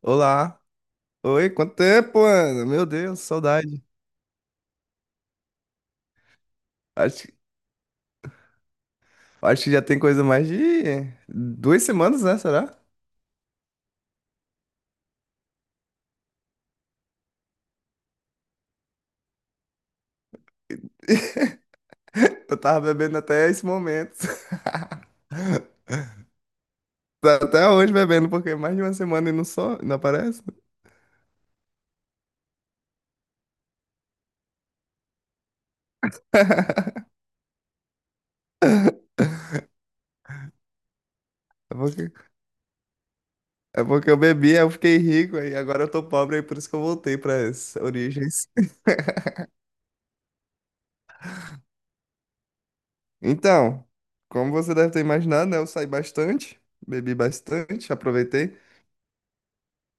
Olá. Oi, quanto tempo, mano? Meu Deus, saudade. Acho, acho que já tem coisa mais de duas semanas, né? Será? Eu tava bebendo até esse momento. Tá, até hoje bebendo, porque mais de uma semana e não só, não aparece. É porque, é porque eu bebi, aí eu fiquei rico, aí agora eu tô pobre, aí por isso que eu voltei pras origens. Então, como você deve ter imaginado, né? Eu saí bastante, bebi bastante, aproveitei.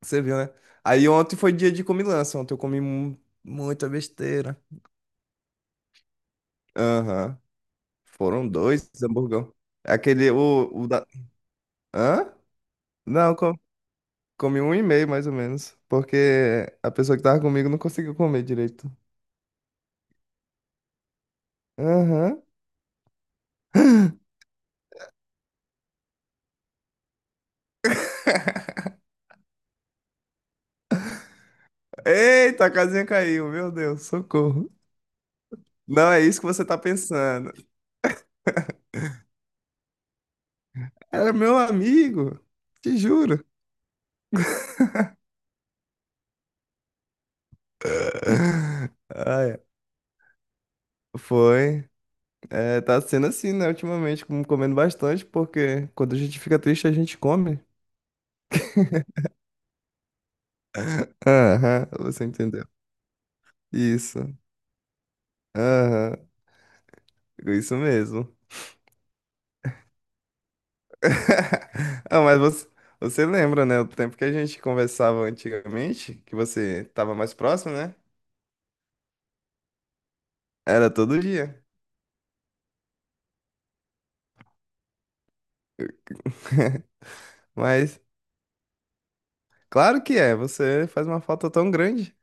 Você viu, né? Aí ontem foi dia de comilança. Ontem eu comi muita besteira. Aham. Foram dois hamburgão. Aquele, o da... Hã? Não, comi um e meio, mais ou menos. Porque a pessoa que tava comigo não conseguiu comer direito. Aham. Eita, a casinha caiu. Meu Deus, socorro. Não é isso que você tá pensando. Era meu amigo. Te juro. Ai, foi. É, tá sendo assim, né, ultimamente, comendo bastante, porque quando a gente fica triste, a gente come. Aham, você entendeu. Isso. Aham, isso mesmo. Ah, mas você lembra, né, o tempo que a gente conversava antigamente, que você tava mais próximo, né? Era todo dia. Mas, claro que é, você faz uma falta tão grande.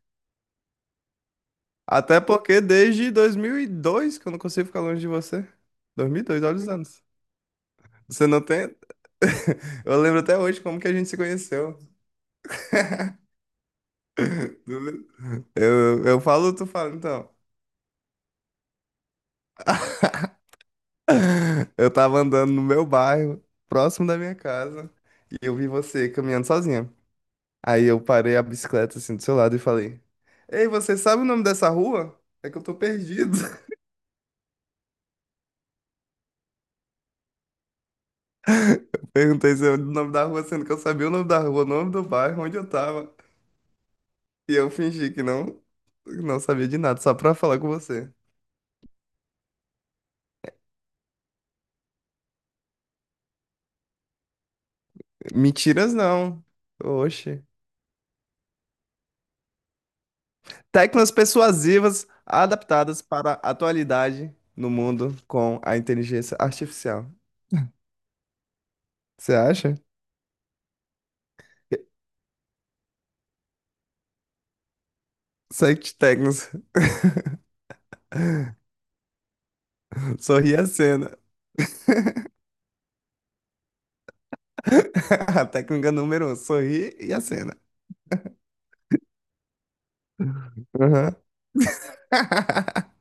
Até porque desde 2002 que eu não consigo ficar longe de você. 2002, olha os anos. Você não tem? Eu lembro até hoje como que a gente se conheceu. Eu falo, tu fala, então. Eu tava andando no meu bairro, próximo da minha casa, e eu vi você caminhando sozinha. Aí eu parei a bicicleta assim do seu lado e falei: Ei, você sabe o nome dessa rua? É que eu tô perdido. Perguntei se é o nome da rua, sendo que eu sabia o nome da rua, o nome do bairro, onde eu tava. E eu fingi que não sabia de nada, só pra falar com você. Mentiras não. Oxe. Teclas persuasivas adaptadas para a atualidade no mundo com a inteligência artificial. Você acha? Sete técnicas. Sorri e acena. A técnica número um, sorri e acena. Uhum.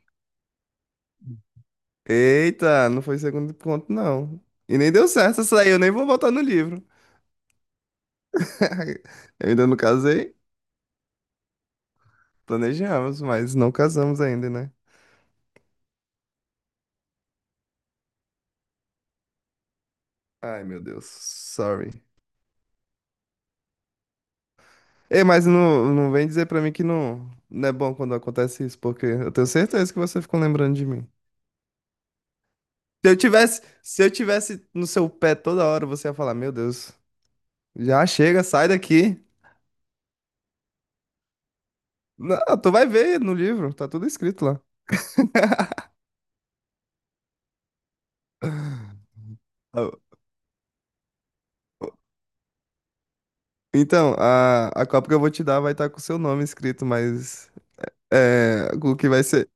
Eita, não foi segundo ponto, não. E nem deu certo essa aí, eu nem vou voltar no livro. Eu ainda não casei, planejamos, mas não casamos ainda, né? Ai, meu Deus, sorry. Ei, mas não, não vem dizer pra mim que não é bom quando acontece isso, porque eu tenho certeza que você ficou lembrando de mim. Se eu tivesse no seu pé toda hora, você ia falar, meu Deus, já chega, sai daqui. Não, tu vai ver no livro, tá tudo escrito lá. Eu- Então, a copa que eu vou te dar vai estar com o seu nome escrito, mas é, o que vai ser,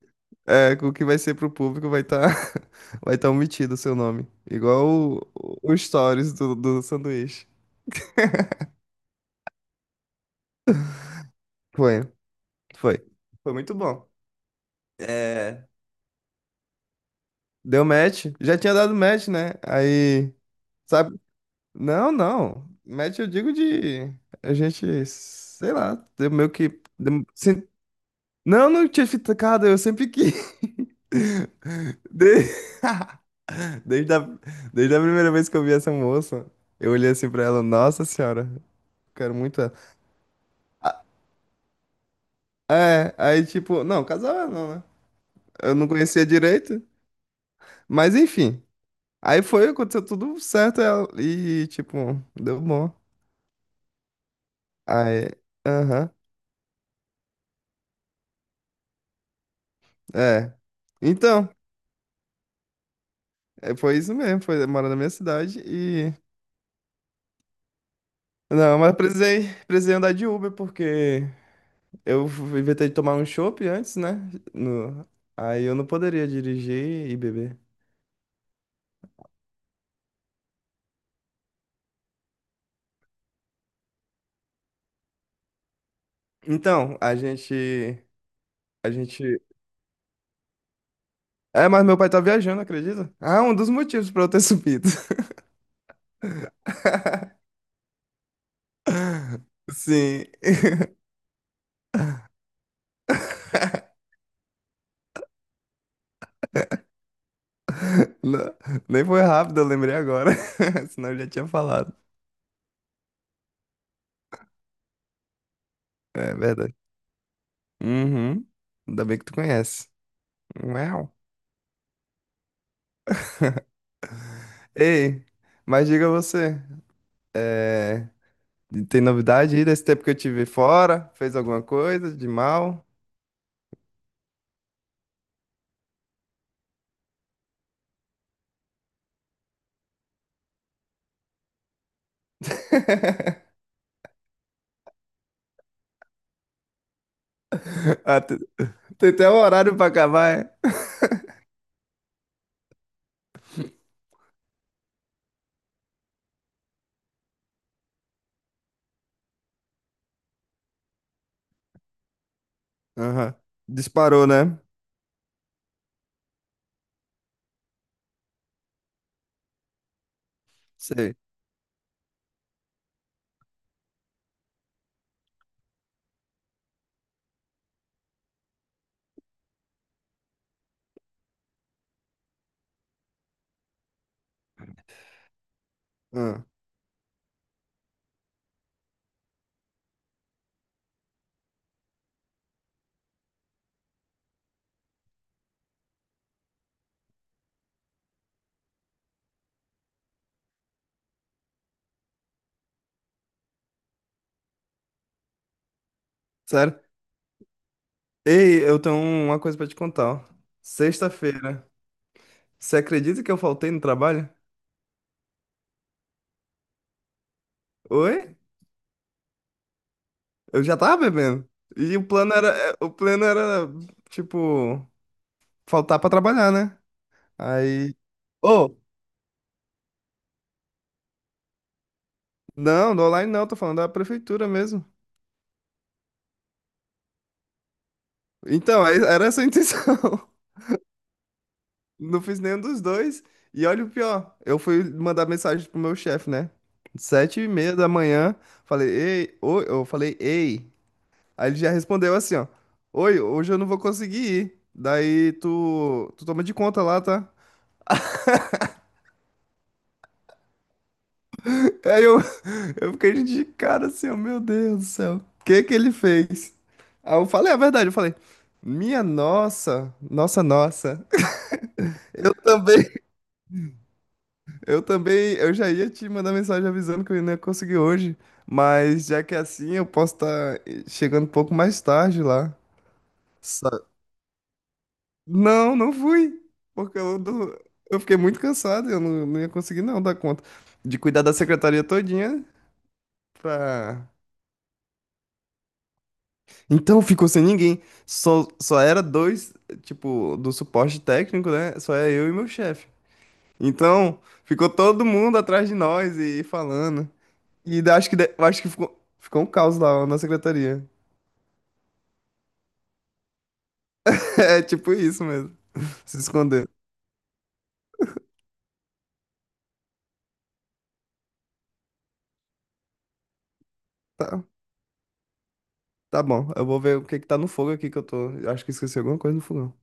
é, o que vai ser pro público vai estar vai tá omitido o seu nome. Igual o stories do sanduíche. Foi. Foi. Foi muito bom. É, deu match. Já tinha dado match, né? Aí, sabe? Não, não. Match eu digo de a gente, sei lá, deu meio que deu- se- Não, não tinha ficado, eu sempre quis. De- Desde a... Desde a primeira vez que eu vi essa moça, eu olhei assim pra ela, nossa senhora, quero muito ela. Ah, é, aí tipo, não, casava não, né? Eu não conhecia direito, mas enfim. Aí foi, aconteceu tudo certo e, tipo, deu bom. Aí, aham, é. Então, é, foi isso mesmo, foi morar na minha cidade e... Não, mas precisei andar de Uber porque eu inventei de tomar um chopp antes, né? No... Aí eu não poderia dirigir e beber. Então, a gente... É, mas meu pai tá viajando, acredita? Ah, um dos motivos pra eu ter subido. Sim. Não, nem foi rápido, eu lembrei agora. Senão eu já tinha falado. É verdade. Uhum. Ainda bem que tu conhece. Uau. Ei, mas diga você, é, tem novidade aí desse tempo que eu te vi fora? Fez alguma coisa de mal? Ah, tem até um horário pra acabar, é? Aham. Disparou, né? Sei. Ah, sério? Ei, eu tenho uma coisa pra te contar, ó. Sexta-feira. Você acredita que eu faltei no trabalho? Oi? Eu já tava bebendo. E o plano era, tipo, faltar pra trabalhar, né? Aí. Ô, não, do online não, tô falando da prefeitura mesmo. Então, aí era essa a intenção. Não fiz nenhum dos dois. E olha o pior, eu fui mandar mensagem pro meu chefe, né? Sete e meia da manhã, falei, ei, oi, eu falei, ei. Aí ele já respondeu assim, ó, oi, hoje eu não vou conseguir ir. Daí tu toma de conta lá, tá? Aí eu, eu fiquei de cara assim, oh, meu Deus do céu, o que que ele fez? Aí eu falei a verdade, eu falei, minha nossa, nossa, nossa. Eu também, eu também, eu já ia te mandar mensagem avisando que eu não ia conseguir hoje, mas já que é assim, eu posso estar chegando um pouco mais tarde lá. Sa- Não, não fui, porque eu, eu fiquei muito cansado, eu não ia conseguir não dar conta de cuidar da secretaria todinha pra... Então ficou sem ninguém. Só era dois, tipo, do suporte técnico, né? Só era eu e meu chefe. Então ficou todo mundo atrás de nós e falando. E acho que, acho que ficou um caos lá na secretaria. É tipo isso mesmo. Se esconder. Tá, tá bom, eu vou ver o que que tá no fogo aqui que eu tô. Eu acho que esqueci alguma coisa no fogão.